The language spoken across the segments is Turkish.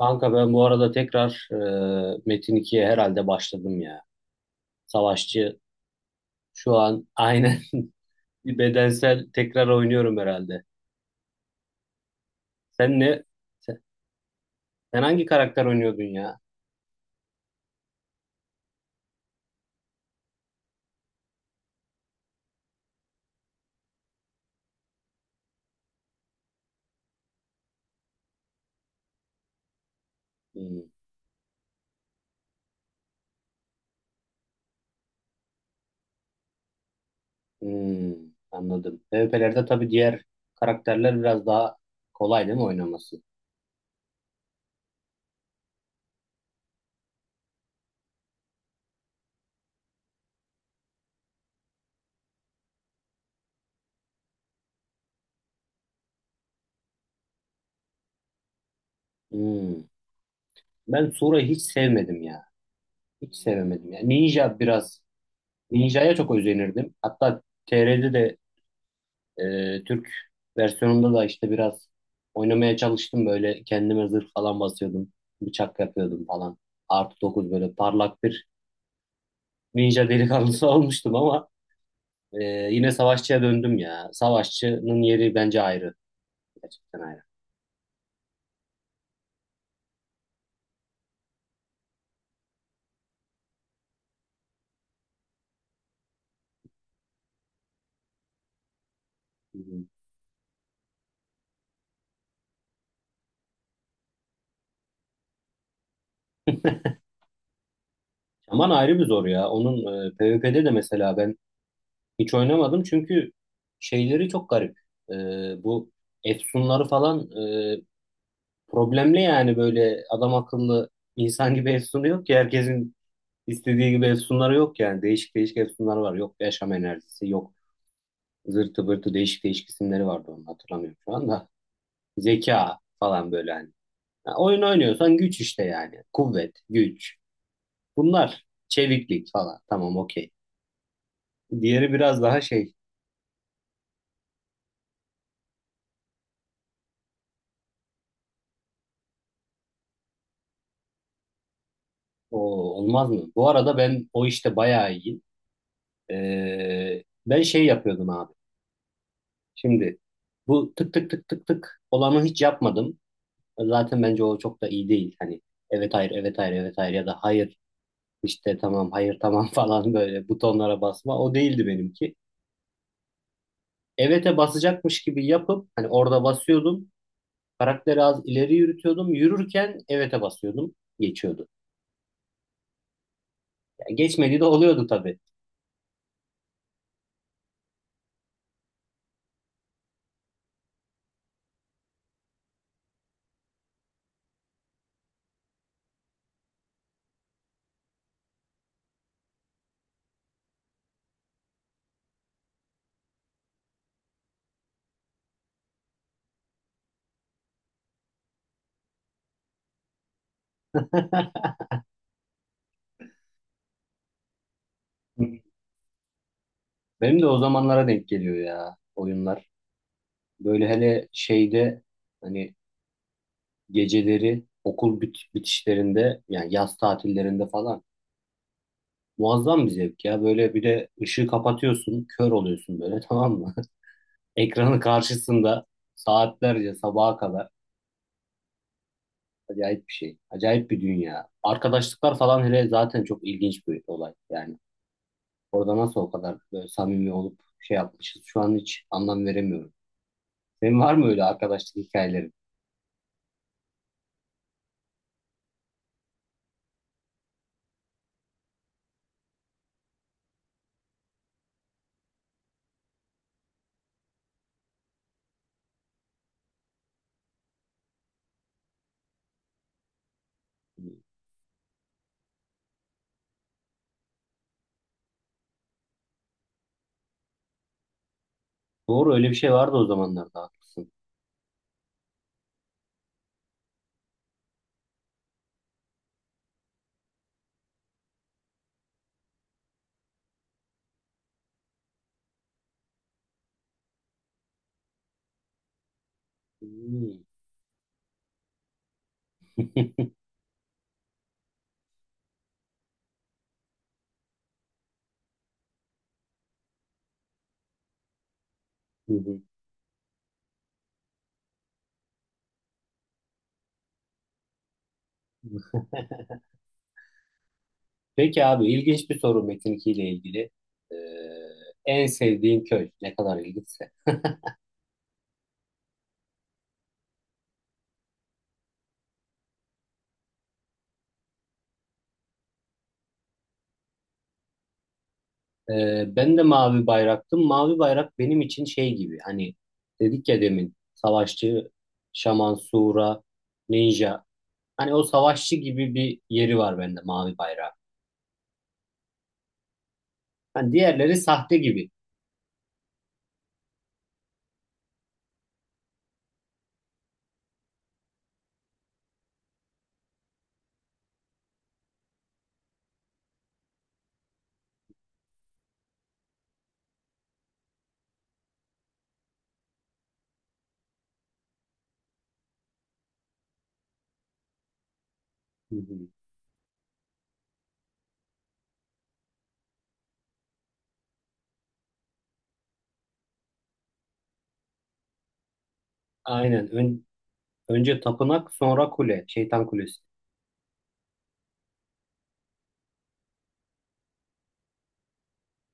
Kanka ben bu arada tekrar Metin 2'ye herhalde başladım ya. Savaşçı şu an aynen bir bedensel tekrar oynuyorum herhalde. Sen ne? Sen, sen hangi karakter oynuyordun ya? Hmm, hmm, anladım. PvP'lerde tabii diğer karakterler biraz daha kolay değil mi oynaması? Hmm. Ben Sura'yı hiç sevmedim ya. Hiç sevemedim ya. Ninja biraz. Ninja'ya çok özenirdim. Hatta TR'de de Türk versiyonunda da işte biraz oynamaya çalıştım böyle kendime zırh falan basıyordum. Bıçak yapıyordum falan. +9 böyle parlak bir ninja delikanlısı olmuştum ama e, yine savaşçıya döndüm ya. Savaşçının yeri bence ayrı. Gerçekten ayrı. Hı hı. Şaman ayrı bir zor ya. Onun PvP'de de mesela ben hiç oynamadım çünkü şeyleri çok garip. E, Bu efsunları falan e, problemli yani böyle adam akıllı insan gibi ev yok ki herkesin İstediği gibi efsunlar yok yani. Değişik değişik efsunlar var. Yok yaşam enerjisi, yok zırtı pırtı değişik değişik isimleri vardı, onu hatırlamıyorum şu anda. Zeka falan böyle hani. Ya oyun oynuyorsan güç işte yani. Kuvvet, güç. Bunlar çeviklik falan. Tamam, okey. Diğeri biraz daha şey o, olmaz mı? Bu arada ben o işte bayağı iyiyim. Ben şey yapıyordum abi. Şimdi bu tık tık tık tık tık olanı hiç yapmadım. Zaten bence o çok da iyi değil. Hani evet hayır evet hayır evet hayır ya da hayır İşte tamam hayır tamam falan böyle butonlara basma. O değildi benimki. Evet'e basacakmış gibi yapıp hani orada basıyordum. Karakteri az ileri yürütüyordum. Yürürken evet'e basıyordum. Geçiyordu. Ya geçmediği de oluyordu tabii. Benim de o zamanlara denk geliyor ya oyunlar. Böyle hele şeyde hani geceleri okul bitişlerinde yani yaz tatillerinde falan muazzam bir zevk ya. Böyle bir de ışığı kapatıyorsun, kör oluyorsun böyle tamam mı? Ekranın karşısında saatlerce sabaha kadar acayip bir şey. Acayip bir dünya. Arkadaşlıklar falan hele zaten çok ilginç bir olay. Yani orada nasıl o kadar böyle samimi olup şey yapmışız şu an hiç anlam veremiyorum. Senin var mı öyle arkadaşlık hikayelerin? Doğru, öyle bir şey vardı o zamanlarda, haklısın. Hmm. Hı hı. Peki abi, ilginç bir soru Metin 2 ile ilgili. Ee, en sevdiğin köy ne kadar ilginç. Ben de mavi bayraktım. Mavi bayrak benim için şey gibi hani, dedik ya demin savaşçı, şaman, sura, ninja. Hani o savaşçı gibi bir yeri var bende mavi bayrak. Hani diğerleri sahte gibi. Hı hı. Aynen. Önce tapınak, sonra kule. Şeytan kulesi.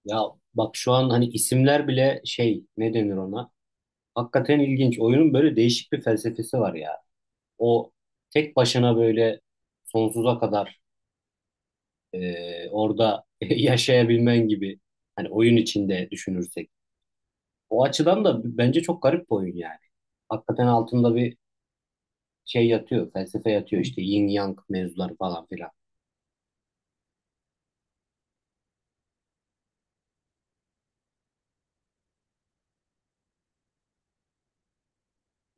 Ya bak şu an hani isimler bile şey, ne denir ona? Hakikaten ilginç. Oyunun böyle değişik bir felsefesi var ya. O tek başına böyle sonsuza kadar orada yaşayabilmen gibi, hani oyun içinde düşünürsek. O açıdan da bence çok garip bir oyun yani. Hakikaten altında bir şey yatıyor, felsefe yatıyor işte yin yang mevzuları falan filan.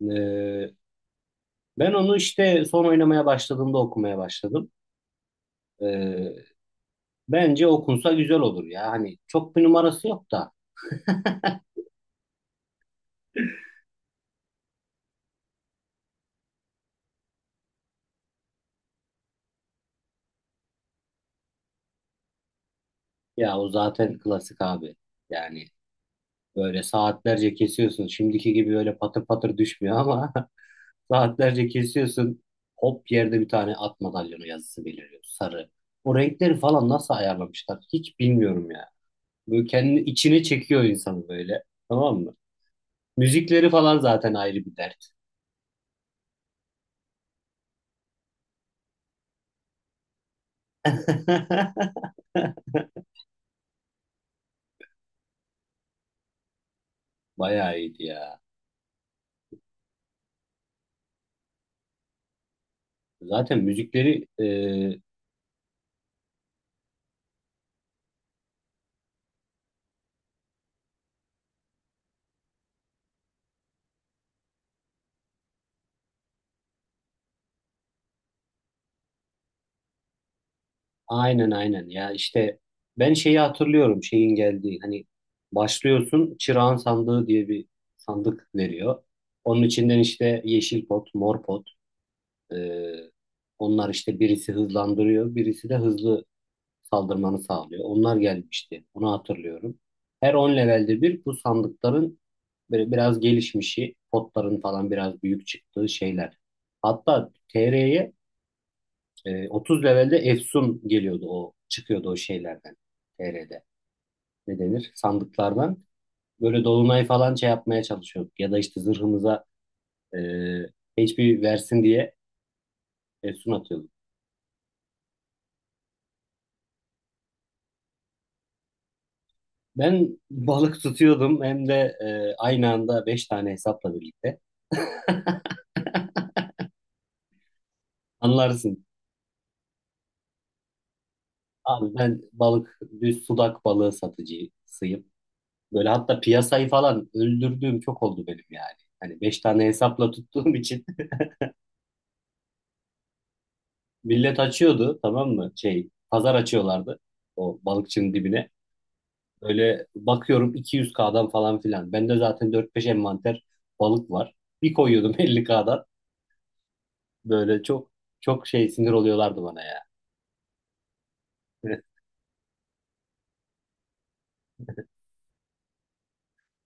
E, Ben onu işte son oynamaya başladığımda okumaya başladım. E, Bence okunsa güzel olur ya. Hani çok bir numarası yok da, ya o zaten klasik abi. Yani böyle saatlerce kesiyorsun. Şimdiki gibi öyle patır patır düşmüyor ama saatlerce kesiyorsun. Hop yerde bir tane at madalyonu yazısı beliriyor. Sarı. O renkleri falan nasıl ayarlamışlar hiç bilmiyorum ya. Böyle kendini içine çekiyor insanı böyle. Tamam mı? Müzikleri falan zaten ayrı bir dert. Bayağı iyiydi ya. Zaten müzikleri aynen aynen ya işte, ben şeyi hatırlıyorum, şeyin geldiği, hani başlıyorsun, çırağan sandığı diye bir sandık veriyor. Onun içinden işte yeşil pot, mor pot, Ee, onlar işte birisi hızlandırıyor, birisi de hızlı saldırmanı sağlıyor. Onlar gelmişti. Onu hatırlıyorum. Her 10 levelde bir bu sandıkların böyle biraz gelişmişi, potların falan biraz büyük çıktığı şeyler. Hatta TR'ye 30 levelde Efsun geliyordu, o çıkıyordu o şeylerden TR'de. Ne denir? Sandıklardan. Böyle dolunay falan şey yapmaya çalışıyorduk. Ya da işte zırhımıza e, HP versin diye Efsun atıyorduk. Ben balık tutuyordum, hem de aynı anda 5 tane hesapla birlikte. Anlarsın. Abi ben balık, düz sudak balığı satıcısıyım. Böyle hatta piyasayı falan öldürdüğüm çok oldu benim yani. Hani 5 tane hesapla tuttuğum için millet açıyordu tamam mı? Şey, pazar açıyorlardı o balıkçının dibine. Böyle bakıyorum 200K'dan falan filan. Bende zaten 4-5 envanter balık var. Bir koyuyordum 50K'dan. Böyle çok çok şey, sinir oluyorlardı bana ya.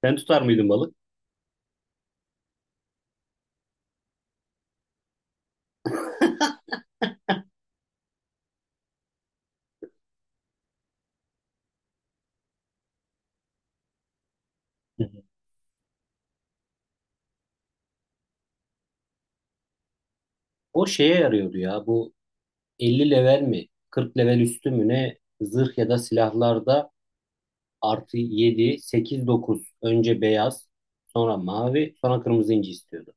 Sen tutar mıydın balık? Hı hı. O şeye yarıyordu ya, bu 50 level mi, 40 level üstü mü ne, zırh ya da silahlarda +7, 8, 9, önce beyaz sonra mavi sonra kırmızı inci istiyordu.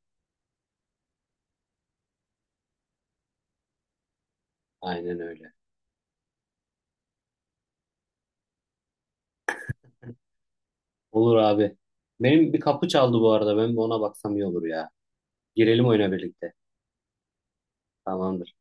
Aynen öyle. Olur abi. Benim bir kapı çaldı bu arada, ben bir ona baksam iyi olur ya. Girelim oyuna birlikte. Tamamdır.